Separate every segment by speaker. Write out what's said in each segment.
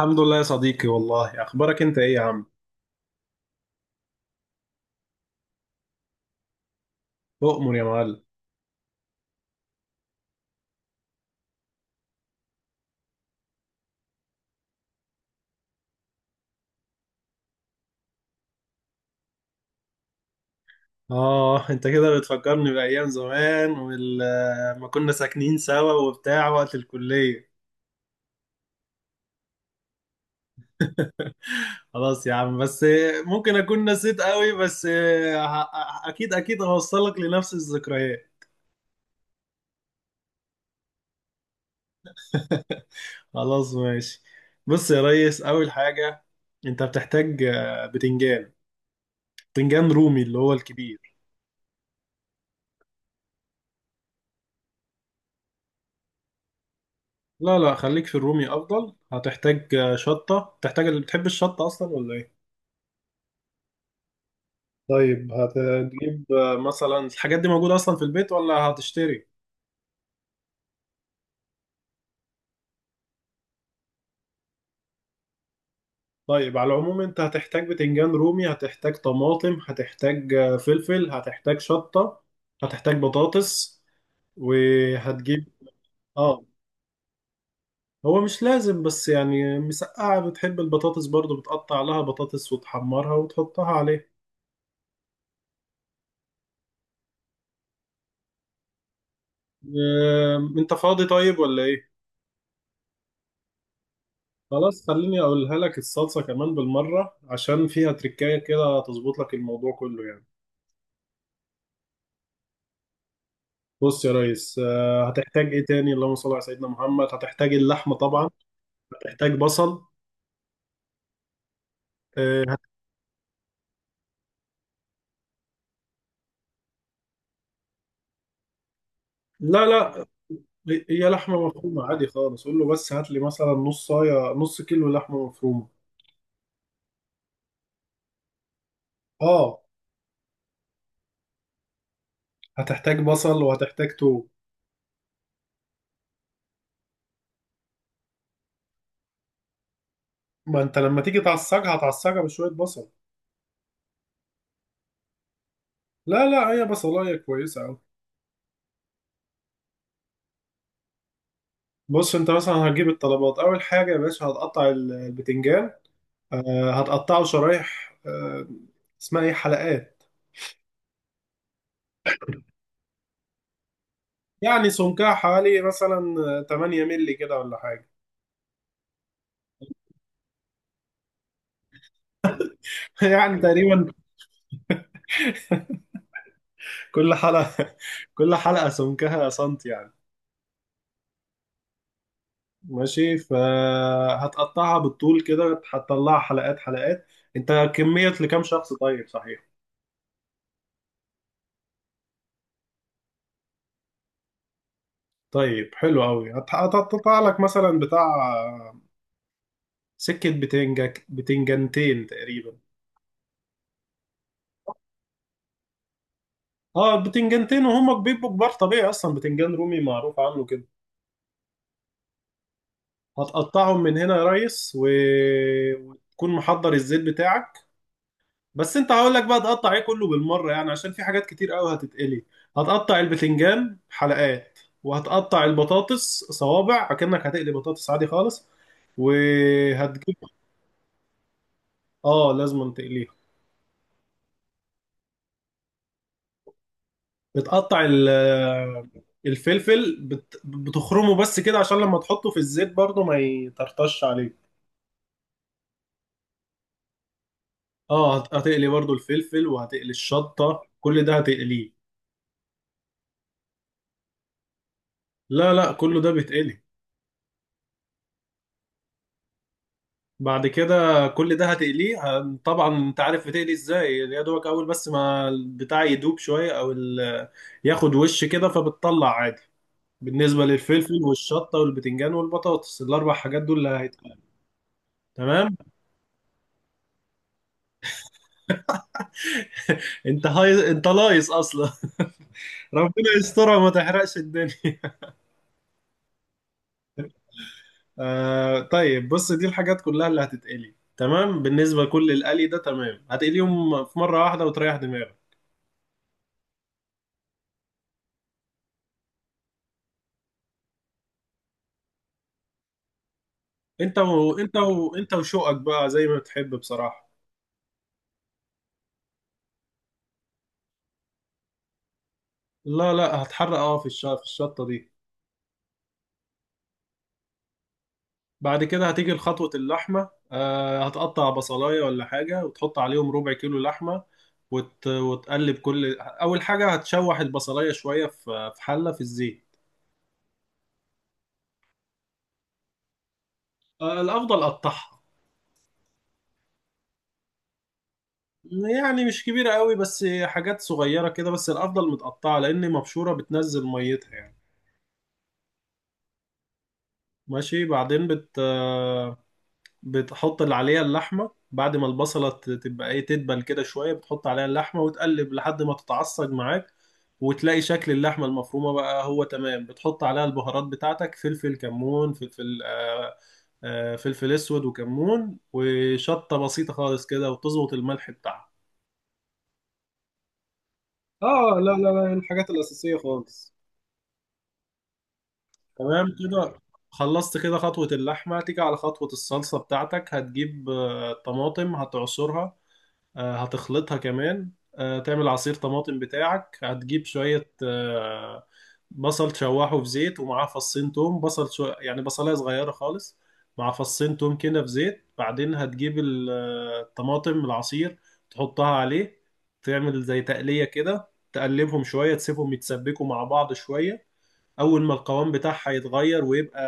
Speaker 1: الحمد لله يا صديقي، والله اخبارك انت ايه يا عم؟ اؤمر يا معلم. اه، انت كده بتفكرني بايام زمان ولما كنا ساكنين سوا وبتاع وقت الكليه. خلاص يا عم بس. ممكن اكون نسيت قوي بس اكيد اكيد هوصلك لنفس الذكريات. خلاص، ماشي. بص يا ريس، اول حاجه انت بتحتاج بتنجان. بتنجان رومي اللي هو الكبير. لا لا، خليك في الرومي افضل. هتحتاج شطه، بتحتاج اللي بتحب الشطه اصلا ولا ايه؟ طيب، هتجيب مثلا الحاجات دي موجودة أصلا في البيت ولا هتشتري؟ طيب، على العموم أنت هتحتاج بتنجان رومي، هتحتاج طماطم، هتحتاج فلفل، هتحتاج شطة. هتحتاج بطاطس. وهتجيب. آه. هو مش لازم بس يعني مسقعة، بتحب البطاطس برضو بتقطع لها بطاطس وتحمرها وتحطها عليه. آه، أنت فاضي طيب ولا إيه؟ خلاص، خليني أقولها لك. الصلصة كمان بالمرة عشان فيها تركاية كده تظبط لك الموضوع كله يعني. بص يا ريس، هتحتاج ايه تاني؟ اللهم صل على سيدنا محمد. هتحتاج اللحمه طبعا. هتحتاج بصل. آه، هت- لا لا، هي لحمه مفرومه عادي خالص، قول له بس هات لي مثلا نص صايه نص كيلو لحمه مفرومه. اه. هتحتاج بصل وهتحتاج توم. ما انت لما تيجي تعصجها هتعصجها بشويه بصل. لا لا، هي بصلايه كويسه قوي. بص انت مثلا هتجيب الطلبات، اول حاجه يا باشا هتقطع البتنجان. هتقطعه شرايح اسمها ايه؟ حلقات. يعني سمكها حوالي مثلا 8 مللي كده ولا حاجة. يعني تقريبا، كل حلقة كل حلقة سمكها سنتي يعني. ماشي، فهتقطعها بالطول كده هتطلعها حلقات حلقات. انت كمية لكام شخص طيب، صحيح؟ طيب حلو قوي. هتقطع لك مثلا بتاع سكة بتنجنتين تقريبا. اه، البتنجنتين وهم بيبقوا كبار طبيعي، اصلا بتنجان رومي معروف عنه كده. هتقطعهم من هنا يا ريس وتكون محضر الزيت بتاعك. بس انت هقول لك بقى تقطع ايه كله بالمره، يعني عشان في حاجات كتير قوي هتتقلي. هتقطع البتنجان حلقات، وهتقطع البطاطس صوابع اكنك هتقلي بطاطس عادي خالص. وهتجيب. اه، لازم تقليها. بتقطع الفلفل بتخرمه بس كده عشان لما تحطه في الزيت برضه ما يطرطش عليك. اه، هتقلي برضو الفلفل وهتقلي الشطة، كل ده هتقليه. لا لا، كله ده بيتقلي. بعد كده كل ده هتقليه. طبعا انت عارف بتقلي ازاي، يا دوبك اول بس ما البتاع يدوب شويه ياخد وش كده فبتطلع عادي. بالنسبه للفلفل والشطه والبتنجان والبطاطس، الاربع حاجات دول اللي هيتقلوا. تمام. انت هاي انت لايص اصلا. ربنا يسترها وما تحرقش الدنيا. آه طيب، بص دي الحاجات كلها اللي هتتقلي، تمام؟ بالنسبه لكل القلي ده، تمام، هتقليهم في مره واحده وتريح دماغك. انت وشوقك بقى زي ما بتحب بصراحة. لا لا، هتحرق اه في في الشطة دي. بعد كده هتيجي لخطوة اللحمة، هتقطع بصلاية ولا حاجة وتحط عليهم ربع كيلو لحمة وتقلب. كل أول حاجة هتشوح البصلاية شوية في حلة في الزيت. آه، الأفضل قطعها. يعني مش كبيرة قوي بس حاجات صغيرة كده، بس الأفضل متقطعة لأن مبشورة بتنزل ميتها يعني. ماشي. بعدين بتحط اللي عليها اللحمة بعد ما البصلة تبقى ايه تدبل كده شوية، بتحط عليها اللحمة وتقلب لحد ما تتعصج معاك. وتلاقي شكل اللحمة المفرومة بقى هو تمام، بتحط عليها البهارات بتاعتك: فلفل، كمون، فلفل فلفل اسود وكمون وشطة بسيطة خالص كده، وتظبط الملح بتاعها. اه لا لا لا، الحاجات الأساسية خالص. تمام كده، خلصت كده خطوة اللحمة. تيجي على خطوة الصلصة بتاعتك، هتجيب طماطم هتعصرها، هتخلطها كمان، تعمل عصير طماطم بتاعك. هتجيب شوية بصل تشوحه في زيت ومعاه فصين توم، يعني بصلاية صغيرة خالص مع فصين توم كده في زيت. بعدين هتجيب الطماطم، العصير تحطها عليه. تعمل زي تقلية كده، تقلبهم شوية تسيبهم يتسبكوا مع بعض شوية. أول ما القوام بتاعها يتغير ويبقى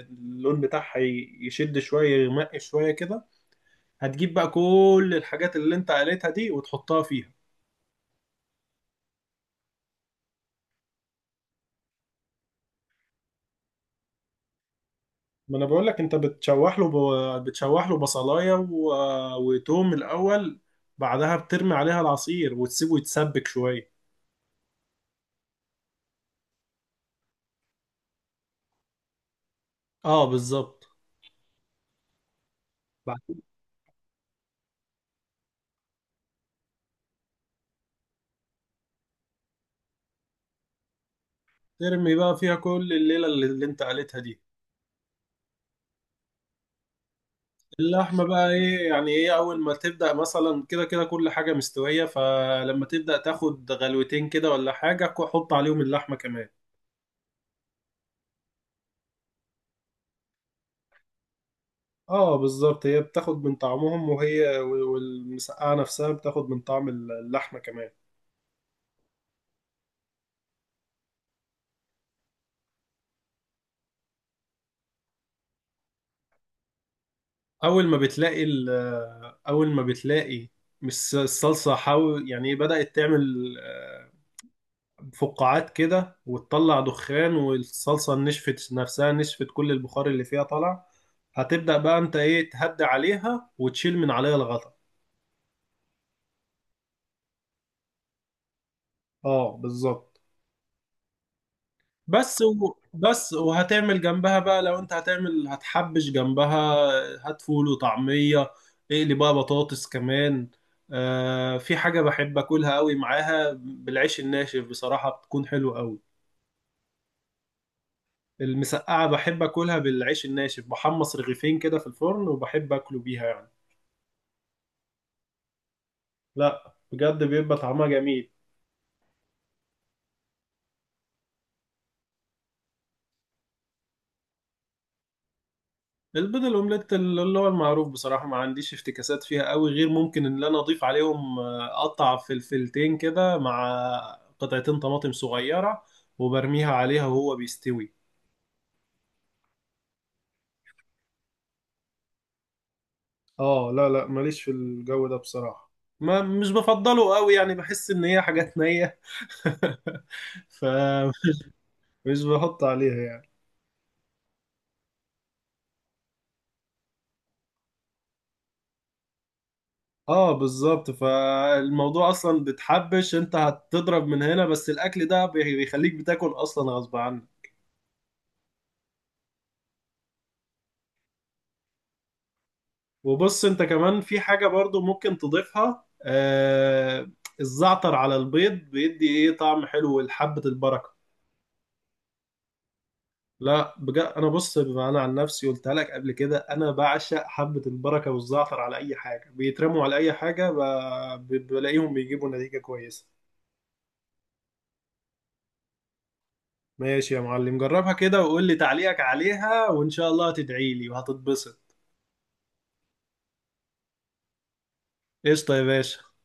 Speaker 1: اللون بتاعها يشد شوية يغمق شوية كده، هتجيب بقى كل الحاجات اللي انت قالتها دي وتحطها فيها. ما انا بقول لك انت بتشوح له. بتشوح له بصلايه وتوم الاول. بعدها بترمي عليها العصير وتسيبه يتسبك شويه. اه بالظبط. بعد ترمي بقى فيها كل الليله اللي انت قالتها دي. اللحمه بقى ايه؟ يعني ايه، اول ما تبدا مثلا كده كده كل حاجه مستويه، فلما تبدا تاخد غلوتين كده ولا حاجه، حط عليهم اللحمه كمان. اه بالظبط، هي بتاخد من طعمهم وهي، والمسقعة نفسها بتاخد من طعم اللحمة كمان. اول ما بتلاقي ال- اول ما بتلاقي الصلصة، حاول يعني إيه، بدأت تعمل فقاعات كده وتطلع دخان، والصلصة نشفت نفسها، نشفت كل البخار اللي فيها طلع. هتبدأ بقى انت ايه تهدي عليها وتشيل من عليها الغطا. اه بالظبط. بس وهتعمل جنبها بقى، لو انت هتعمل هتحبش جنبها. هات فول وطعمية، اقلي بقى بطاطس كمان. آه في حاجة بحب اكلها قوي معاها بالعيش الناشف بصراحة، بتكون حلوة قوي. المسقعة بحب اكلها بالعيش الناشف، بحمص رغيفين كده في الفرن وبحب اكله بيها يعني. لا بجد، بيبقى طعمها جميل. البيض الاومليت اللي هو المعروف بصراحه ما عنديش افتكاسات فيها قوي، غير ممكن ان انا اضيف عليهم اقطع فلفلتين كده مع قطعتين طماطم صغيره وبرميها عليها وهو بيستوي. اه لا لا، ماليش في الجو ده بصراحة. ما مش بفضله قوي، يعني بحس ان هي حاجات نية. ف مش بحط عليها يعني. اه بالظبط، فالموضوع اصلا بتحبش، انت هتضرب من هنا، بس الاكل ده بيخليك بتاكل اصلا غصب عنك. وبص انت كمان في حاجة برضو ممكن تضيفها، الزعتر على البيض بيدي ايه طعم حلو لحبة البركة. لا بجد، انا بص، بما انا عن نفسي قلتها لك قبل كده، انا بعشق حبة البركة والزعتر على اي حاجة، بيترموا على اي حاجة بلاقيهم بيجيبوا نتيجة كويسة. ماشي يا معلم، جربها كده وقول لي تعليقك عليها، وان شاء الله هتدعي لي وهتتبسط. قشطة يا باشا.